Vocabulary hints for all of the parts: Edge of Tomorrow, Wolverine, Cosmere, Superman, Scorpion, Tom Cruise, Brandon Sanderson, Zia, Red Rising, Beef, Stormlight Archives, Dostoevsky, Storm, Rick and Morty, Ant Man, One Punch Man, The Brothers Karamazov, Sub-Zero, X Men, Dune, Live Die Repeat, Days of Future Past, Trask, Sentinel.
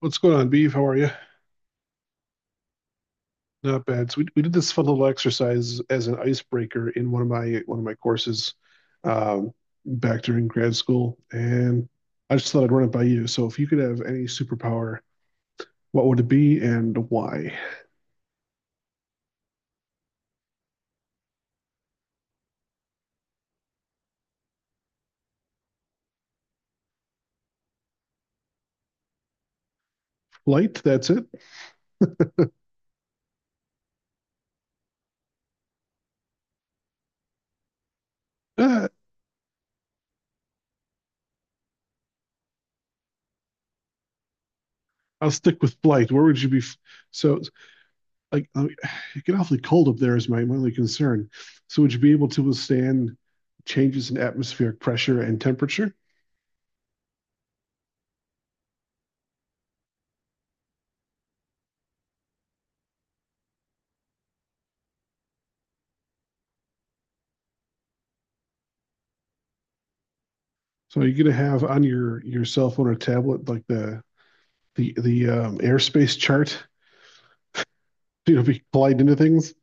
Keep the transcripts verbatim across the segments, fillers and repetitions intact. What's going on, Beef? How are you? Not bad. So we, we did this fun little exercise as an icebreaker in one of my one of my courses um, back during grad school, and I just thought I'd run it by you. So if you could have any superpower, what would it be and why? Flight, that's it. Ah, I'll stick with flight. Where would you be? f- So like it get awfully cold up there is my, my only concern. So would you be able to withstand changes in atmospheric pressure and temperature? So you're gonna have on your your cell phone or tablet like the the the um, airspace chart. You know, be collide into things.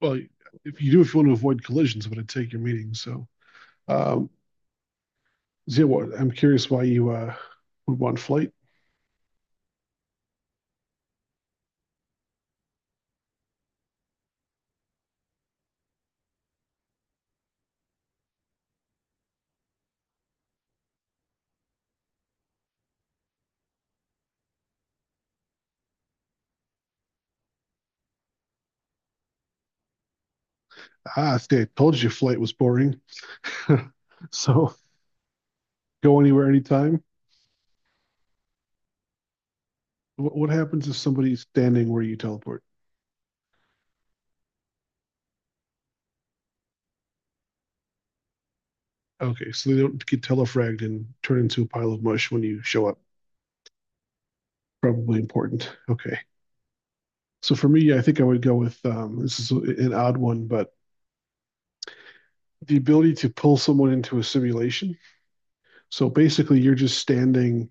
Well, if you do, if you want to avoid collisions, it would take your meeting. So, um, Zia, what- I'm curious why you uh, would want flight. Ah, see, I told you flight was boring. So go anywhere, anytime. What, what happens if somebody's standing where you teleport? Okay, so they don't get telefragged and turn into a pile of mush when you show up. Probably important. Okay. So for me, I think I would go with um, this is an odd one, but the ability to pull someone into a simulation. So basically, you're just standing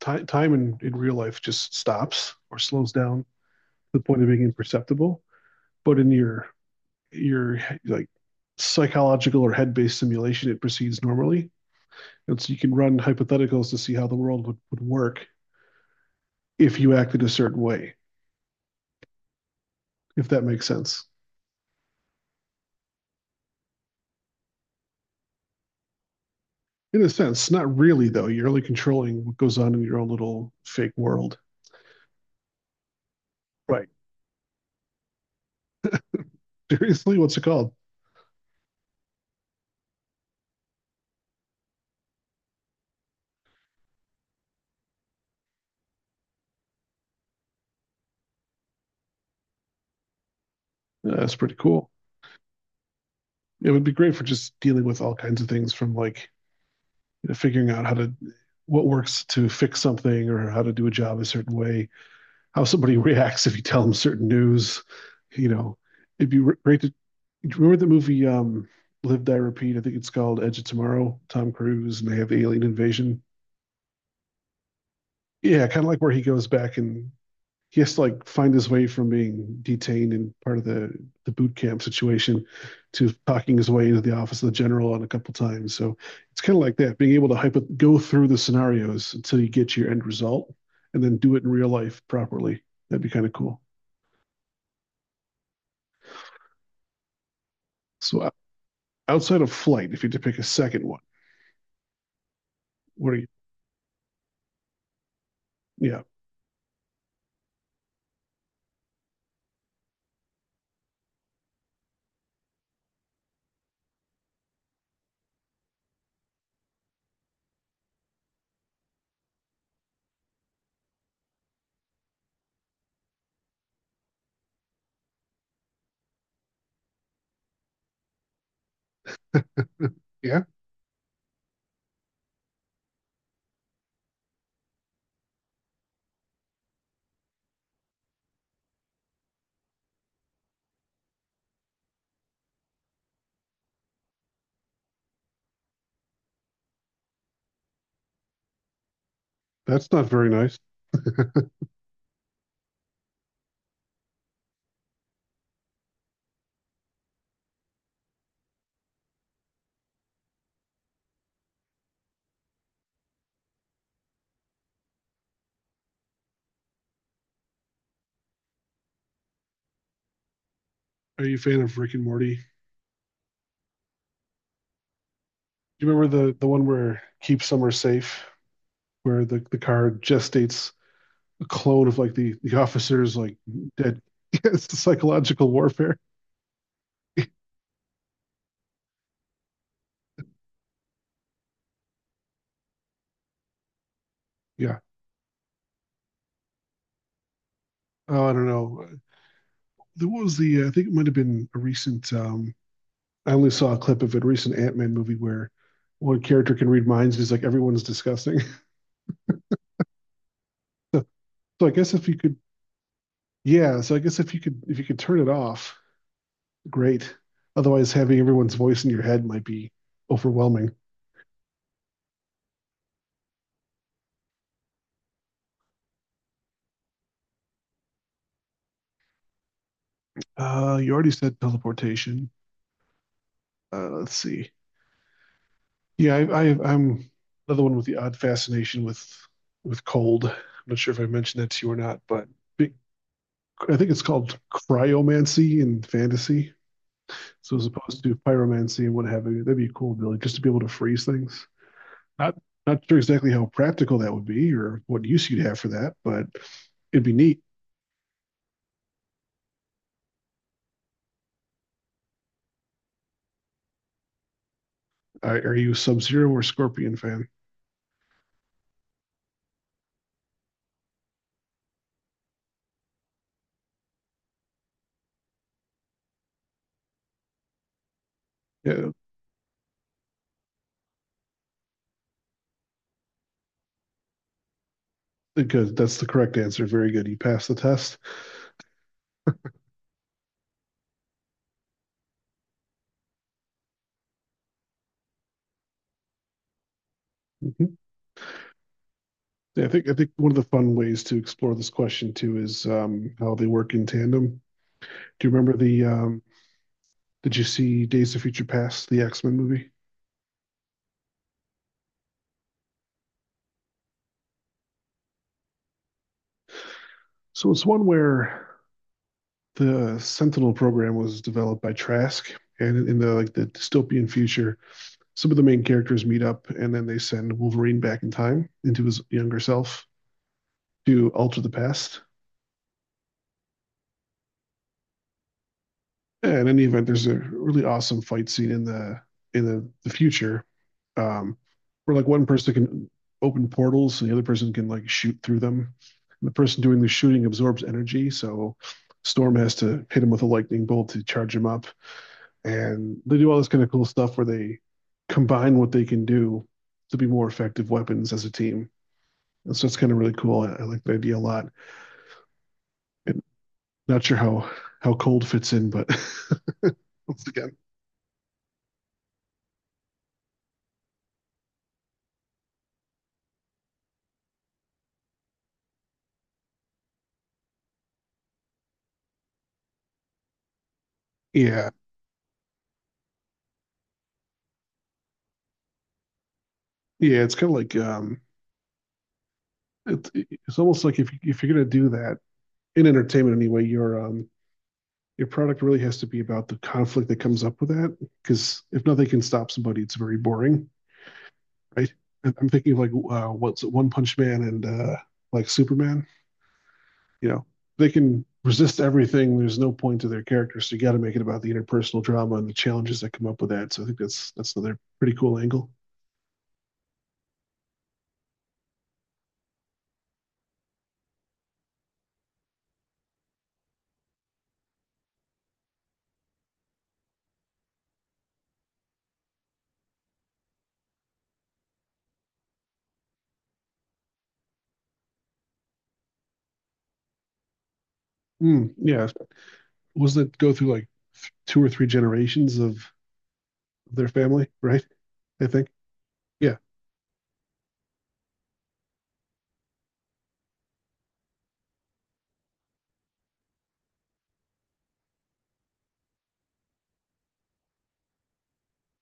Ti- time in, in real life just stops or slows down to the point of being imperceptible. But in your your like psychological or head based simulation, it proceeds normally. And so you can run hypotheticals to see how the world would, would work if you acted a certain way, if that makes sense. In a sense, not really though. You're only controlling what goes on in your own little fake world. Right. Seriously, what's it called? Yeah, that's pretty cool. It would be great for just dealing with all kinds of things from like you know, figuring out how to what works to fix something or how to do a job a certain way, how somebody reacts if you tell them certain news. You know, it'd be great to remember the movie um, Live Die Repeat. I think it's called Edge of Tomorrow. Tom Cruise and they have the alien invasion. Yeah, kind of like where he goes back and he has to like find his way from being detained and part of the the boot camp situation to talking his way into the office of the general on a couple times. So it's kind of like that, being able to hypo- go through the scenarios until you get your end result, and then do it in real life properly. That'd be kind of cool. So uh, outside of flight, if you had to pick a second one, what are you? Yeah, yeah, that's not very nice. Are you a fan of Rick and Morty? Do you remember the the one where keep summer safe, where the the car just states a clone of like the the officers like dead. It's the psychological warfare. Yeah. Oh, I don't know. There was the I think it might have been a recent. Um I only saw a clip of it. A recent Ant Man movie where one character can read minds. And he's like everyone's disgusting. So, so I guess if you could, yeah. So I guess if you could if you could turn it off, great. Otherwise, having everyone's voice in your head might be overwhelming. Uh, you already said teleportation. Uh, let's see. Yeah, I, I, I'm another one with the odd fascination with with cold. I'm not sure if I mentioned that to you or not, but be- I think it's called cryomancy in fantasy. So as opposed to pyromancy and what have you, that'd be cool, Billy, just to be able to freeze things. Not not sure exactly how practical that would be or what use you'd have for that, but it'd be neat. Are are you a Sub-Zero or Scorpion fan? Yeah, because that's the correct answer. Very good. You passed the test. Yeah, I think I think one of the fun ways to explore this question too is um, how they work in tandem. Do you remember the? Um, did you see Days of Future Past, the X Men movie? So it's one where the Sentinel program was developed by Trask, and in the like the dystopian future, some of the main characters meet up, and then they send Wolverine back in time into his younger self to alter the past. Yeah, in any event, there's a really awesome fight scene in the in the, the future, um, where like one person can open portals and the other person can like shoot through them. And the person doing the shooting absorbs energy, so Storm has to hit him with a lightning bolt to charge him up. And they do all this kind of cool stuff where they combine what they can do to be more effective weapons as a team. And so it's kind of really cool. I, I like the idea a lot. And not sure how how cold fits in, but once again, yeah. Yeah, it's kind of like um, it, it's almost like if you- if you're gonna do that in entertainment anyway, your um your product really has to be about the conflict that comes up with that. Because if nothing can stop somebody, it's very boring, right? And I'm thinking of like uh, what's it, One Punch Man and uh, like Superman. You know, they can resist everything. There's no point to their character, so you got to make it about the interpersonal drama and the challenges that come up with that. So I think that's that's another pretty cool angle. Mm, yeah, wasn't it go through like two or three generations of their family, right? I think. Yeah.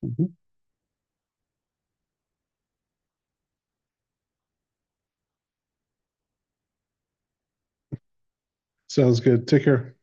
Mm-hmm. Sounds good. Take care.